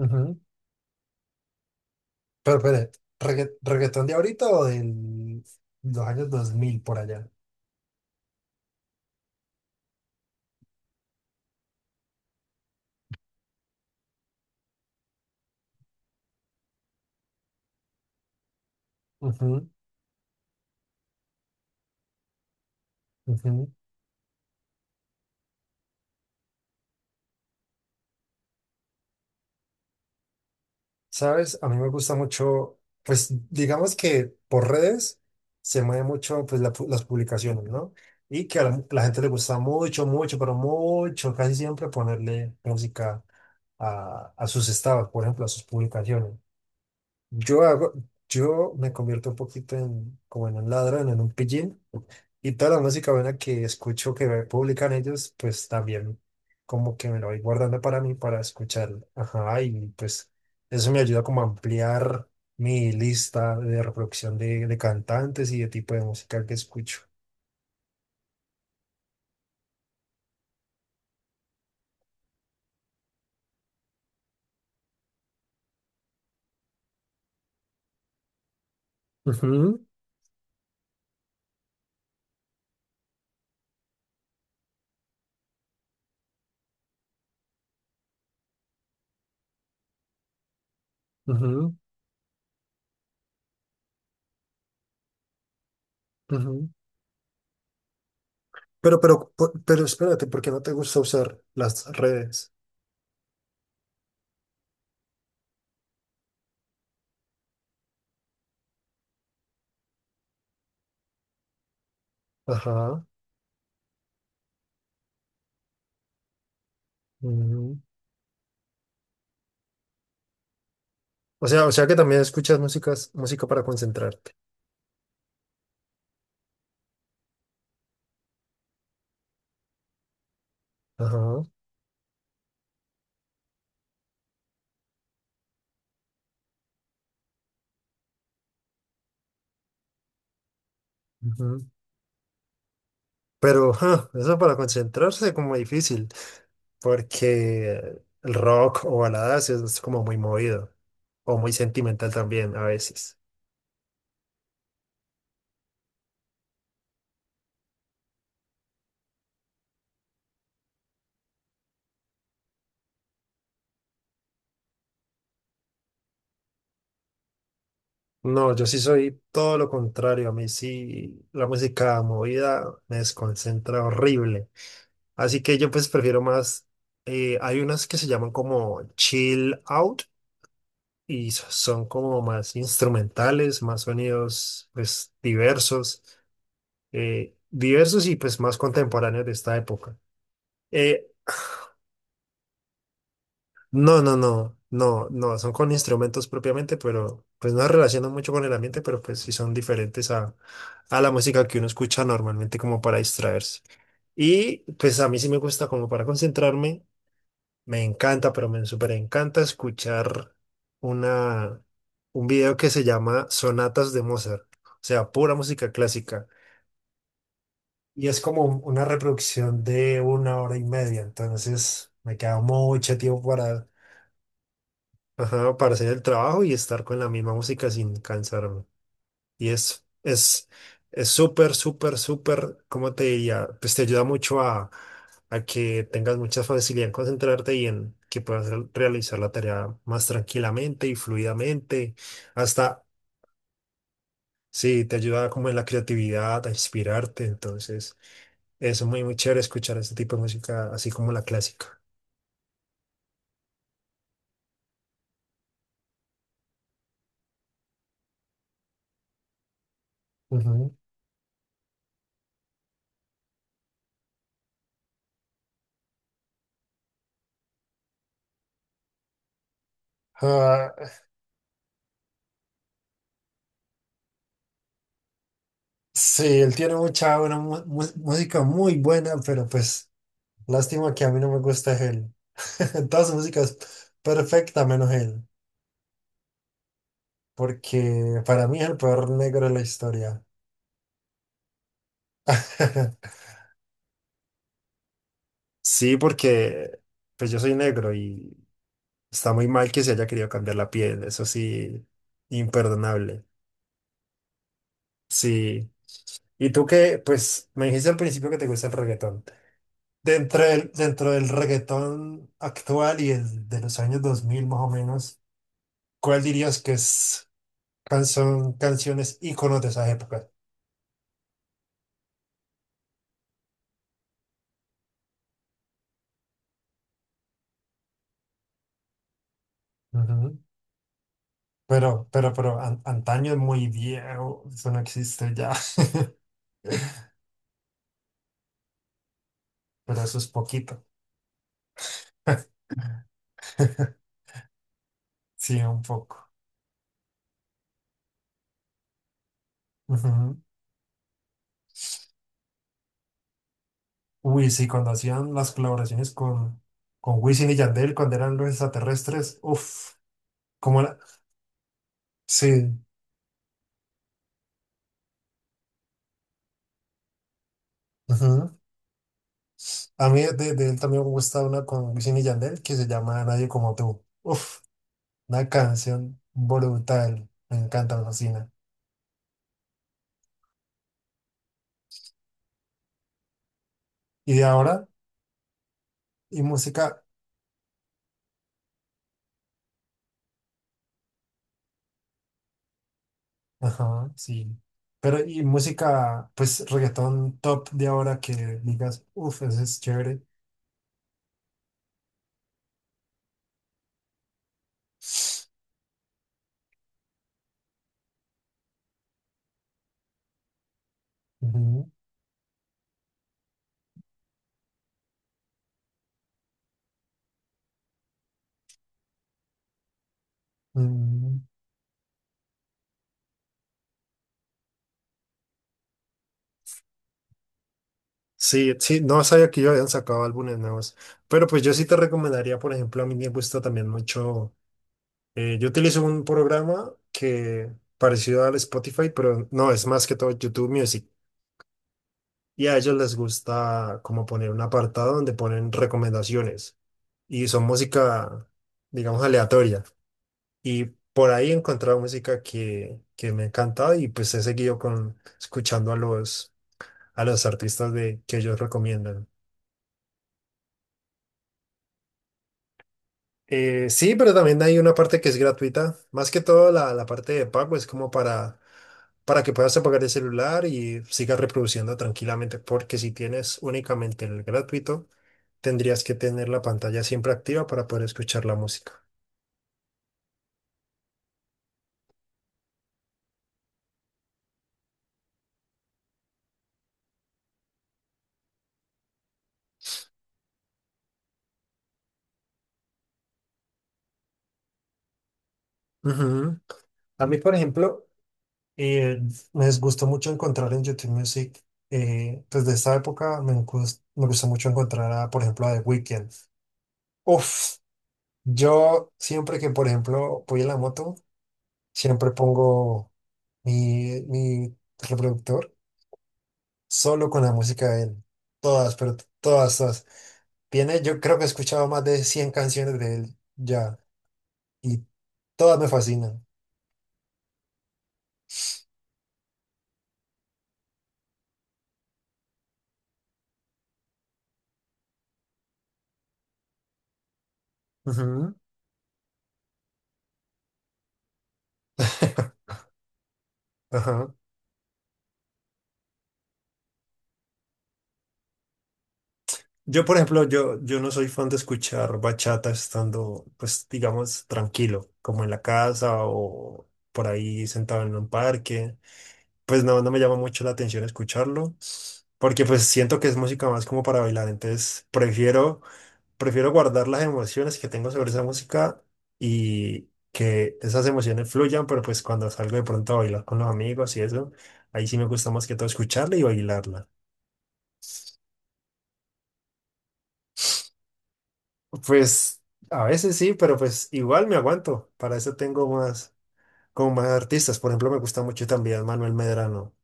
Ujú. Pero, espere, ¿Reggaetón de ahorita o de los años 2000 por allá? Ujú, ujú. ¿Sabes? A mí me gusta mucho, pues digamos que por redes se mueve mucho pues, las publicaciones, ¿no? Y que a la gente le gusta mucho, mucho, pero mucho, casi siempre ponerle música a sus estados, por ejemplo, a sus publicaciones. Yo hago, yo me convierto un poquito en, como en un ladrón, en un pillín. Y toda la música buena que escucho que me publican ellos, pues también como que me lo voy guardando para mí, para escuchar. Ajá, y pues eso me ayuda como a ampliar mi lista de reproducción de cantantes y de tipo de música que escucho. Ujú, ujú, ujú. Pero espérate, ¿por qué no te gusta usar las redes? Ajá. Ujú. O sea que también escuchas música para concentrarte. Ajá. Ujú. Pero ja, eso para concentrarse es como difícil, porque el rock o baladas es como muy movido o muy sentimental también a veces. No, yo sí soy todo lo contrario. A mí sí la música movida me desconcentra horrible. Así que yo pues prefiero más, hay unas que se llaman como chill out y son como más instrumentales, más sonidos pues diversos. Diversos y pues más contemporáneos de esta época. Eh, no, no, no, no, no, son con instrumentos propiamente, pero pues no se relacionan mucho con el ambiente, pero pues sí son diferentes a la música que uno escucha normalmente como para distraerse. Y pues a mí sí me gusta como para concentrarme, me encanta, pero me súper encanta escuchar una, un video que se llama Sonatas de Mozart, o sea, pura música clásica. Y es como una reproducción de una hora y media, entonces me queda mucho tiempo para, ajá, para hacer el trabajo y estar con la misma música sin cansarme. Y es súper, súper, súper, ¿cómo te diría? Pues te ayuda mucho a que tengas mucha facilidad en concentrarte y en que puedas realizar la tarea más tranquilamente y fluidamente, hasta. Sí, te ayuda como en la creatividad, a inspirarte. Entonces, eso es muy, muy chévere escuchar este tipo de música, así como la clásica. Ujú. Ah, sí, él tiene mucha buena música muy buena, pero pues lástima que a mí no me gusta es él. Toda su música es perfecta menos él, porque para mí es el peor negro de la historia. Sí, porque pues yo soy negro y está muy mal que se haya querido cambiar la piel. Eso sí, imperdonable. Sí. Y tú que, pues, me dijiste al principio que te gusta el reggaetón. Dentro del reggaetón actual y el de los años 2000 más o menos, ¿cuál dirías que es canciones íconos de esa época? Ujú. Pero, antaño es muy viejo, eso no existe ya, pero eso es poquito. Sí, un poco. Ujú. Uy, sí, cuando hacían las colaboraciones con Wisin y Yandel, cuando eran los extraterrestres, uff, como. Sí. Ujú. A mí de él también me gusta una con Wisin y Yandel que se llama Nadie como tú. Uf, una canción brutal. Me encanta, me fascina. Y de ahora, y música, ajá, sí. Pero y música, pues reggaetón top de ahora que digas, uf, ese es chévere. Ujú, mm. Sí, sí, no sabía que ellos habían sacado álbumes nuevos. Pero pues yo sí te recomendaría, por ejemplo, a mí me gusta también mucho. Yo utilizo un programa que parecido al Spotify, pero no, es más que todo YouTube Music. Y a ellos les gusta como poner un apartado donde ponen recomendaciones. Y son música, digamos, aleatoria. Y por ahí he encontrado música que me ha encantado y pues he seguido con, escuchando a los artistas de, que ellos recomiendan. Sí, pero también hay una parte que es gratuita. Más que todo la parte de pago es como para, que puedas apagar el celular y sigas reproduciendo tranquilamente, porque si tienes únicamente el gratuito, tendrías que tener la pantalla siempre activa para poder escuchar la música. Ujú. A mí, por ejemplo, eh, me gustó mucho encontrar en YouTube Music, desde esta época me gustó mucho encontrar, a, por ejemplo, a The Weeknd. Uf, yo siempre que, por ejemplo, voy en la moto, siempre pongo mi reproductor solo con la música de él. Todas, pero todas, todas. Yo creo que he escuchado más de 100 canciones de él ya y todas me fascinan. Ujú. Ajá. Yo, por ejemplo, yo no soy fan de escuchar bachata estando, pues, digamos, tranquilo, como en la casa o por ahí sentado en un parque. Pues no, no me llama mucho la atención escucharlo, porque pues siento que es música más como para bailar, entonces prefiero guardar las emociones que tengo sobre esa música y que esas emociones fluyan, pero pues cuando salgo de pronto a bailar con los amigos y eso, ahí sí me gusta más que todo escucharla y bailarla. Pues a veces sí, pero pues igual me aguanto, para eso tengo más, como más artistas, por ejemplo me gusta mucho también Manuel Medrano,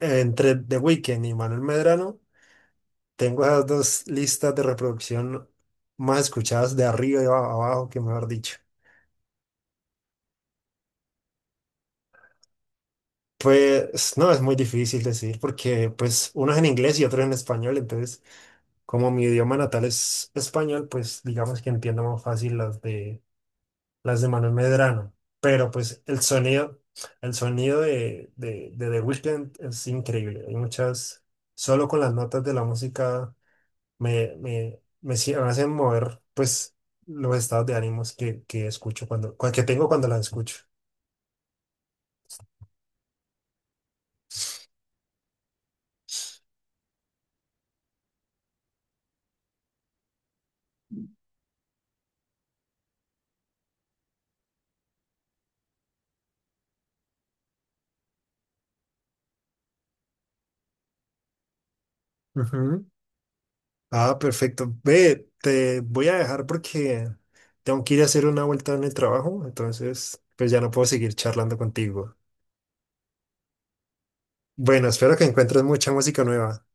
entre The Weeknd y Manuel Medrano. Tengo esas dos listas de reproducción más escuchadas de arriba y abajo, que mejor dicho. Pues no, es muy difícil decir porque pues uno es en inglés y otro es en español, entonces como mi idioma natal es español, pues digamos que entiendo más fácil las de Manuel Medrano, pero pues el sonido de The Weeknd es increíble, hay muchas, solo con las notas de la música me hacen mover, pues, los estados de ánimos que escucho que tengo cuando la escucho. Ujú. Ah, perfecto. Ve, te voy a dejar porque tengo que ir a hacer una vuelta en el trabajo, entonces, pues ya no puedo seguir charlando contigo. Bueno, espero que encuentres mucha música nueva.